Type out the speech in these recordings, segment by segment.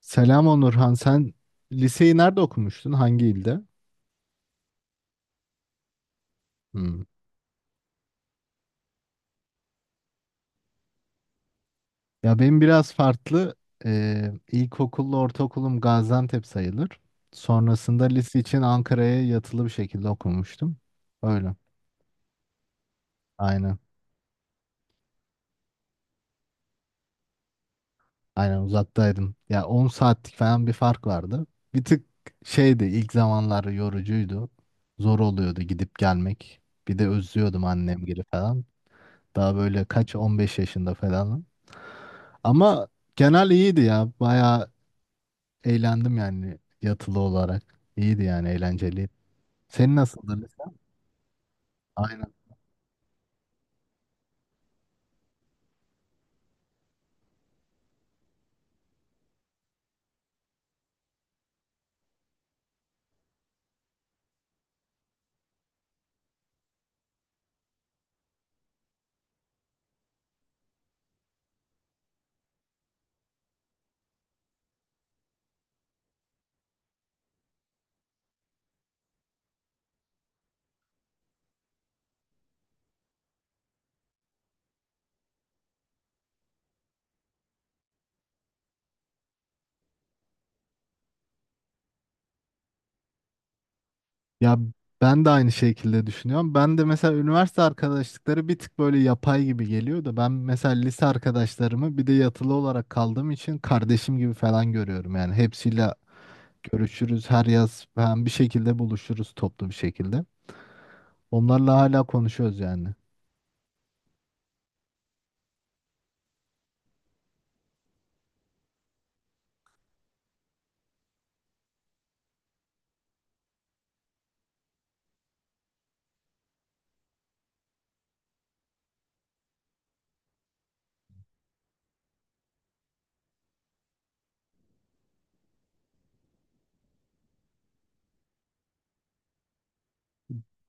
Selam Onurhan. Sen liseyi nerede okumuştun? Hangi ilde? Hmm. Ya benim biraz farklı. İlkokulla ortaokulum Gaziantep sayılır. Sonrasında lise için Ankara'ya yatılı bir şekilde okumuştum. Öyle. Aynen. Aynen uzaktaydım. Ya 10 saatlik falan bir fark vardı. Bir tık şeydi ilk zamanlar yorucuydu. Zor oluyordu gidip gelmek. Bir de özlüyordum annemgili falan. Daha böyle kaç 15 yaşında falan. Ama genel iyiydi ya. Bayağı eğlendim yani yatılı olarak. İyiydi yani eğlenceliydi. Senin nasıldı lise? Aynen. Ya ben de aynı şekilde düşünüyorum. Ben de mesela üniversite arkadaşlıkları bir tık böyle yapay gibi geliyor da ben mesela lise arkadaşlarımı bir de yatılı olarak kaldığım için kardeşim gibi falan görüyorum. Yani hepsiyle görüşürüz her yaz ben bir şekilde buluşuruz toplu bir şekilde. Onlarla hala konuşuyoruz yani.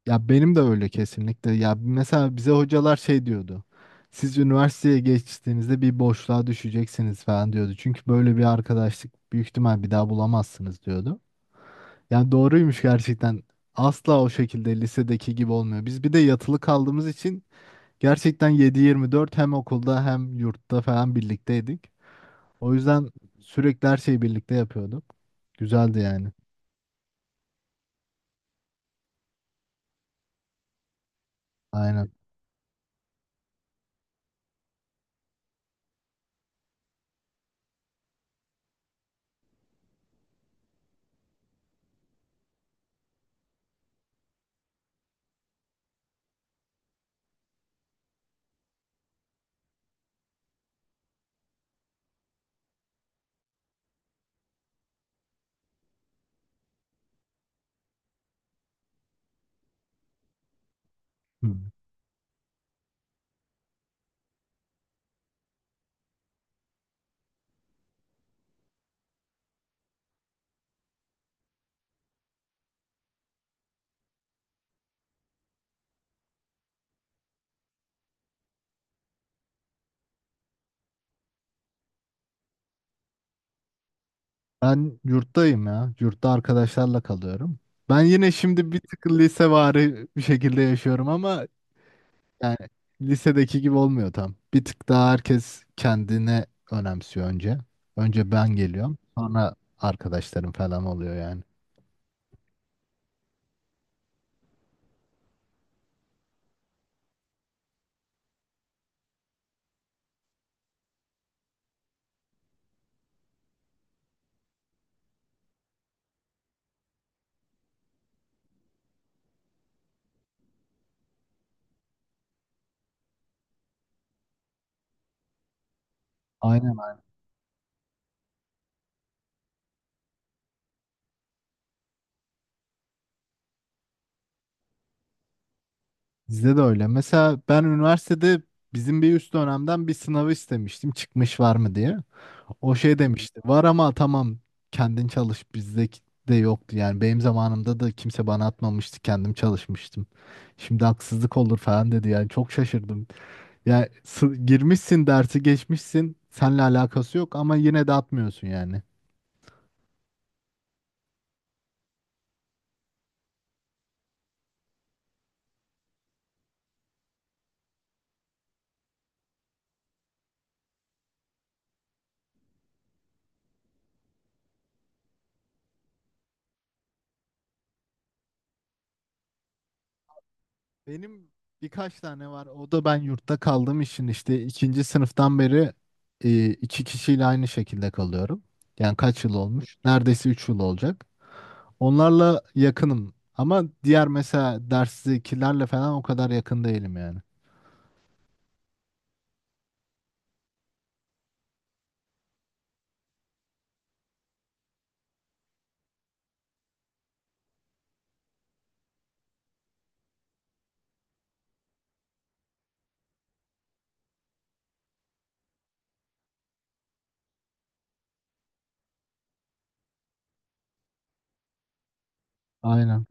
Ya benim de öyle kesinlikle. Ya mesela bize hocalar şey diyordu. Siz üniversiteye geçtiğinizde bir boşluğa düşeceksiniz falan diyordu. Çünkü böyle bir arkadaşlık büyük ihtimal bir daha bulamazsınız diyordu. Yani doğruymuş gerçekten. Asla o şekilde lisedeki gibi olmuyor. Biz bir de yatılı kaldığımız için gerçekten 7-24 hem okulda hem yurtta falan birlikteydik. O yüzden sürekli her şeyi birlikte yapıyorduk. Güzeldi yani. Aynen. Hı. Ben yurttayım ya. Yurtta arkadaşlarla kalıyorum. Ben yine şimdi bir tık lisevari bir şekilde yaşıyorum ama yani lisedeki gibi olmuyor tam. Bir tık daha herkes kendine önemsiyor önce. Önce ben geliyorum. Sonra arkadaşlarım falan oluyor yani. Aynen. Bizde de öyle. Mesela ben üniversitede bizim bir üst dönemden bir sınavı istemiştim. Çıkmış var mı diye. O şey demişti. Var ama tamam kendin çalış bizde de yoktu. Yani benim zamanımda da kimse bana atmamıştı. Kendim çalışmıştım. Şimdi haksızlık olur falan dedi. Yani çok şaşırdım. Girmişsin dersi geçmişsin. Seninle alakası yok ama yine de atmıyorsun yani. Benim birkaç tane var. O da ben yurtta kaldığım için işte ikinci sınıftan beri iki kişiyle aynı şekilde kalıyorum. Yani kaç yıl olmuş? Neredeyse üç yıl olacak. Onlarla yakınım. Ama diğer mesela derstekilerle falan o kadar yakın değilim yani. Aynen.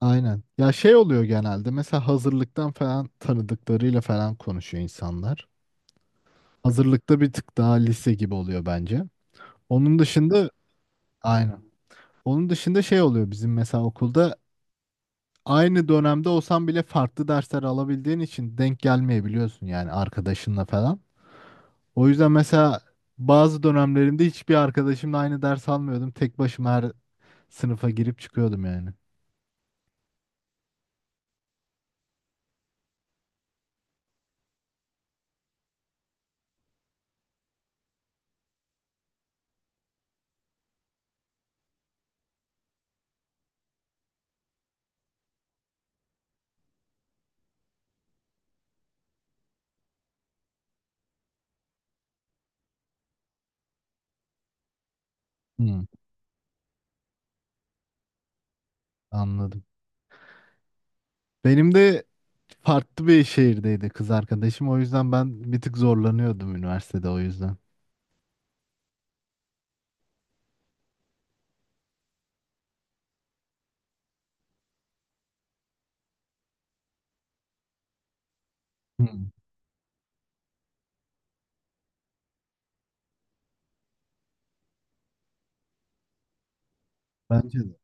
Aynen. Ya şey oluyor genelde mesela hazırlıktan falan tanıdıklarıyla falan konuşuyor insanlar. Hazırlıkta bir tık daha lise gibi oluyor bence. Onun dışında aynen. Onun dışında şey oluyor bizim mesela okulda aynı dönemde olsan bile farklı dersler alabildiğin için denk gelmeyebiliyorsun yani arkadaşınla falan. O yüzden mesela bazı dönemlerimde hiçbir arkadaşımla aynı ders almıyordum. Tek başıma her sınıfa girip çıkıyordum yani. Hmm, anladım. Benim de farklı bir şehirdeydi kız arkadaşım. O yüzden ben bir tık zorlanıyordum üniversitede o yüzden. Hmm, bence de.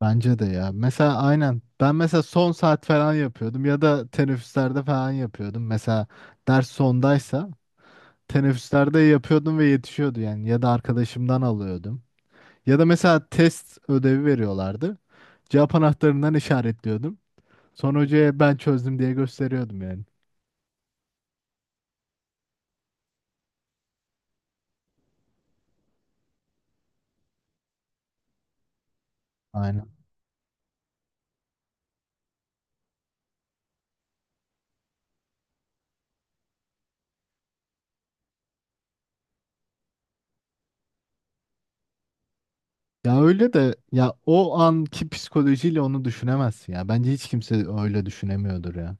Bence de ya. Mesela aynen. Ben mesela son saat falan yapıyordum ya da teneffüslerde falan yapıyordum. Mesela ders sondaysa teneffüslerde yapıyordum ve yetişiyordu yani. Ya da arkadaşımdan alıyordum. Ya da mesela test ödevi veriyorlardı. Cevap anahtarından işaretliyordum. Sonra hocaya ben çözdüm diye gösteriyordum yani. Aynen. Ya öyle de ya o anki psikolojiyle onu düşünemezsin ya. Bence hiç kimse öyle düşünemiyordur ya.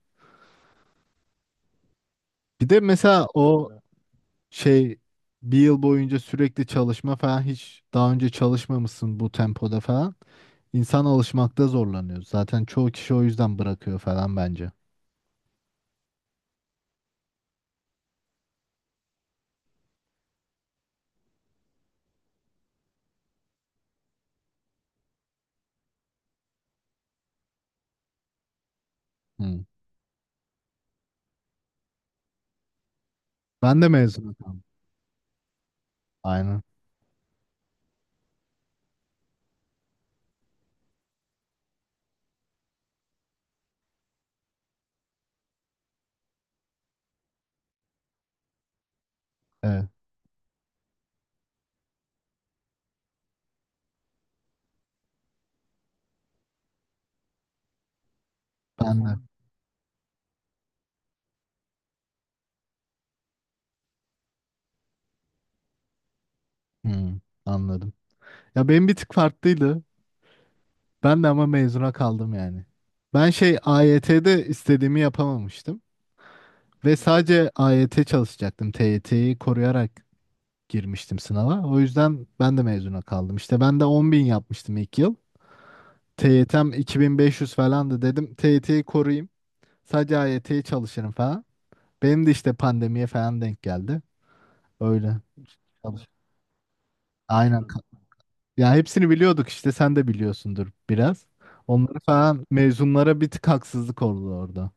Bir de mesela o şey bir yıl boyunca sürekli çalışma falan hiç daha önce çalışmamışsın bu tempoda falan. İnsan alışmakta zorlanıyor. Zaten çoğu kişi o yüzden bırakıyor falan bence. Hı. Ben de mezun oldum. Aynen. Evet. Ben de. Hmm, anladım. Ya benim bir tık farklıydı. Ben de ama mezuna kaldım yani. Ben şey AYT'de istediğimi yapamamıştım. Ve sadece AYT çalışacaktım. TYT'yi koruyarak girmiştim sınava. O yüzden ben de mezuna kaldım. İşte ben de 10 bin yapmıştım ilk yıl. TYT'm 2500 falandı dedim. TYT'yi koruyayım. Sadece AYT'yi çalışırım falan. Benim de işte pandemiye falan denk geldi. Öyle. Çalış. Aynen. Ya hepsini biliyorduk işte sen de biliyorsundur biraz. Onları falan mezunlara bir tık haksızlık oldu orada.